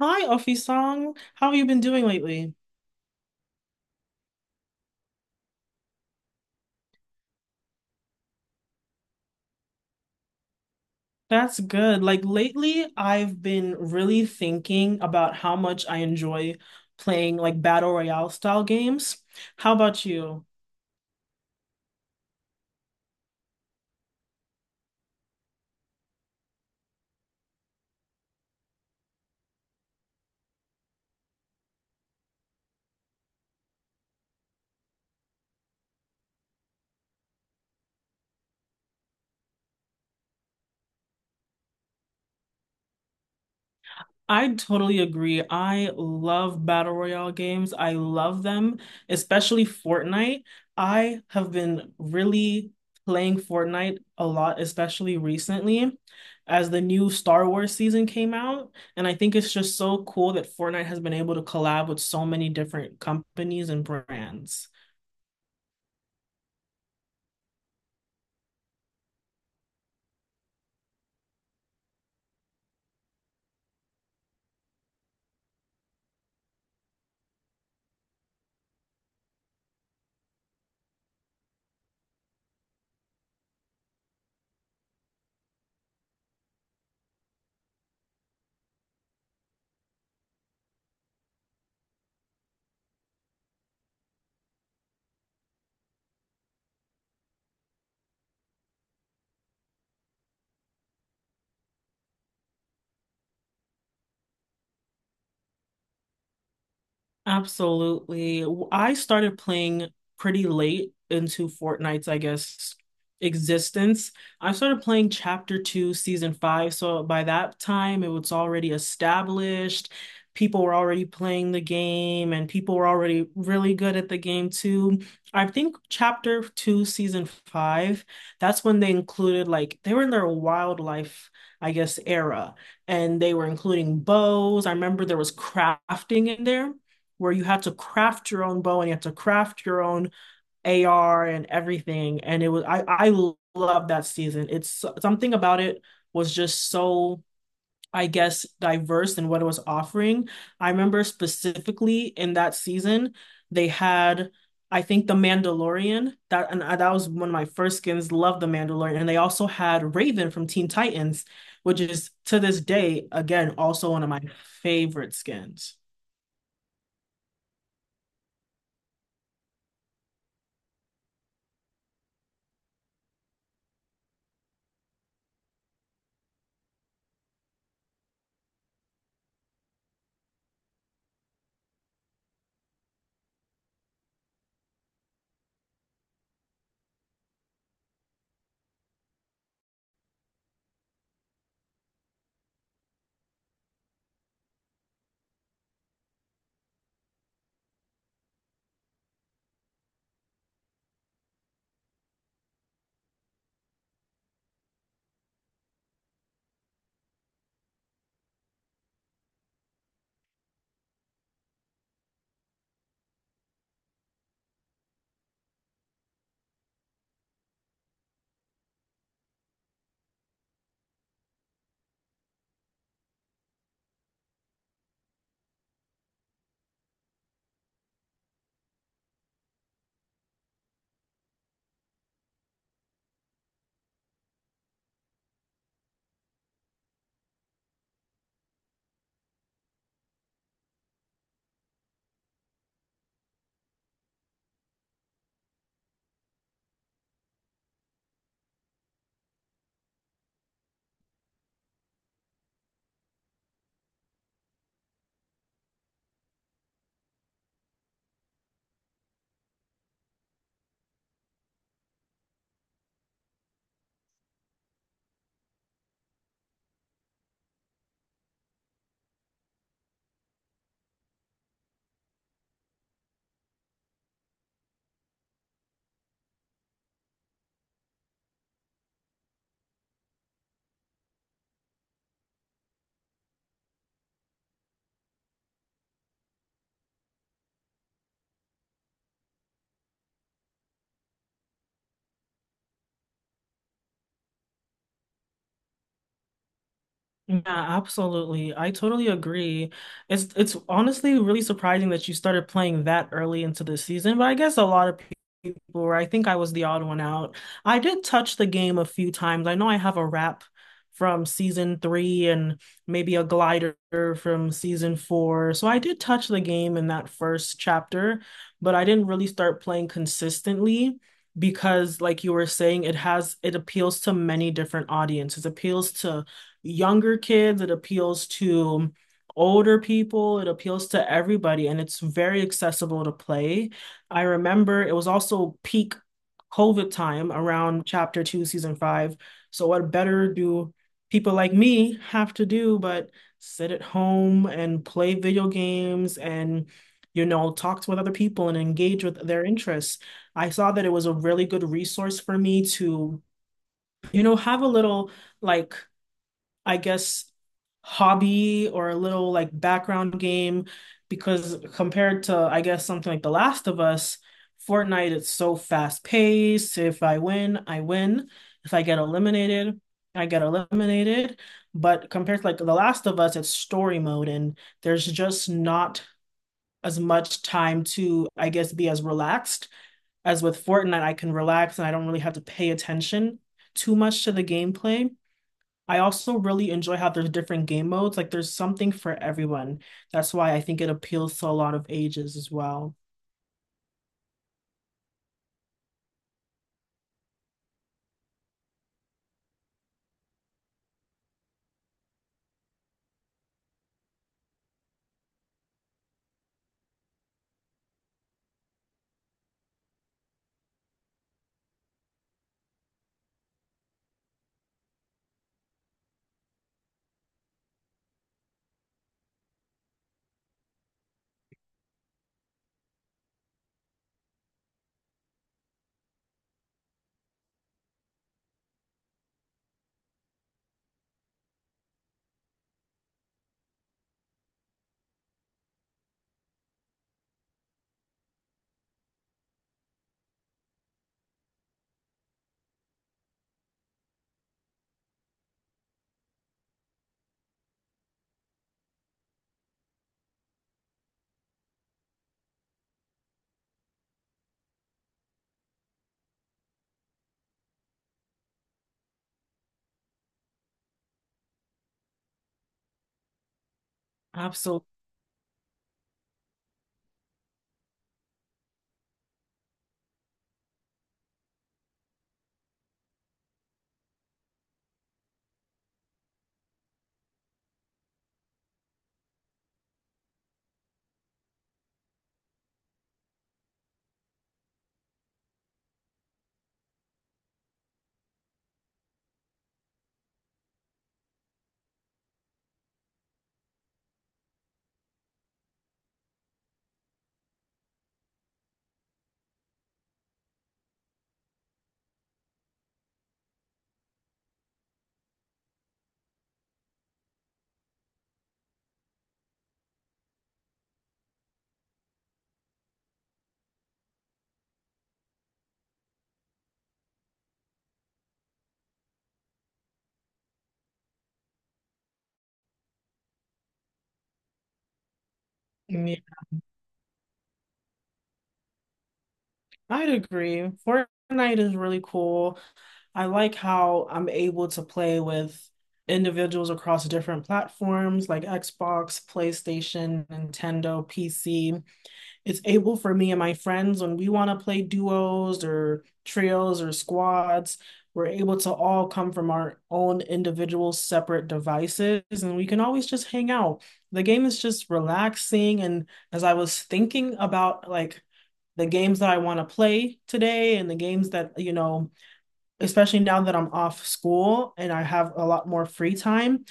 Hi, Ofi-san. How have you been doing lately? That's good. Lately, I've been really thinking about how much I enjoy playing battle royale style games. How about you? I totally agree. I love battle royale games. I love them, especially Fortnite. I have been really playing Fortnite a lot, especially recently, as the new Star Wars season came out. And I think it's just so cool that Fortnite has been able to collab with so many different companies and brands. Absolutely. I started playing pretty late into Fortnite's, I guess, existence. I started playing Chapter 2, Season 5, so by that time it was already established. People were already playing the game and people were already really good at the game too. I think Chapter 2, Season 5, that's when they included like they were in their wildlife, I guess, era, and they were including bows. I remember there was crafting in there where you had to craft your own bow and you had to craft your own AR and everything. And it was I love that season. It's so, something about it was just so, I guess, diverse in what it was offering. I remember specifically in that season they had, I think, The Mandalorian that was one of my first skins. Loved The Mandalorian, and they also had Raven from Teen Titans, which is, to this day, again, also one of my favorite skins. Yeah, absolutely. I totally agree. It's honestly really surprising that you started playing that early into the season, but I guess a lot of people were. I think I was the odd one out. I did touch the game a few times. I know I have a wrap from season three and maybe a glider from season four. So I did touch the game in that first chapter, but I didn't really start playing consistently. Because like you were saying, it appeals to many different audiences. It appeals to younger kids, it appeals to older people, it appeals to everybody, and it's very accessible to play. I remember it was also peak COVID time around chapter two, season five. So, what better do people like me have to do but sit at home and play video games and, you know, talk with other people and engage with their interests. I saw that it was a really good resource for me to, you know, have a little, like I guess, hobby or a little, like, background game. Because compared to, I guess, something like The Last of Us, Fortnite is so fast paced. If I win, I win. If I get eliminated, I get eliminated. But compared to like The Last of Us, it's story mode, and there's just not as much time to, I guess, be as relaxed as with Fortnite. I can relax and I don't really have to pay attention too much to the gameplay. I also really enjoy how there's different game modes. Like, there's something for everyone. That's why I think it appeals to a lot of ages as well. Absolutely. I'd agree. Fortnite is really cool. I like how I'm able to play with individuals across different platforms like Xbox, PlayStation, Nintendo, PC. It's able for me and my friends, when we want to play duos or trios or squads, we're able to all come from our own individual separate devices, and we can always just hang out. The game is just relaxing. And as I was thinking about, like, the games that I want to play today and the games that, you know, especially now that I'm off school and I have a lot more free time.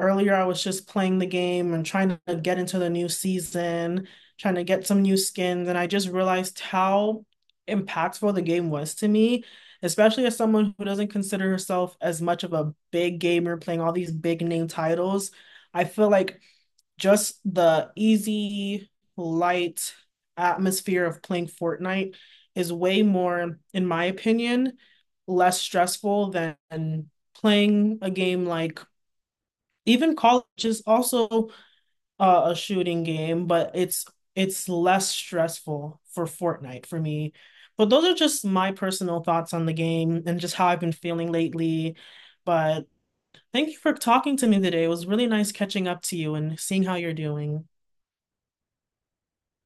Earlier, I was just playing the game and trying to get into the new season, trying to get some new skins, and I just realized how impactful the game was to me, especially as someone who doesn't consider herself as much of a big gamer playing all these big name titles. I feel like just the easy, light atmosphere of playing Fortnite is way more, in my opinion, less stressful than playing a game like, even college is also a shooting game, but it's less stressful for Fortnite for me. But those are just my personal thoughts on the game and just how I've been feeling lately. But thank you for talking to me today. It was really nice catching up to you and seeing how you're doing.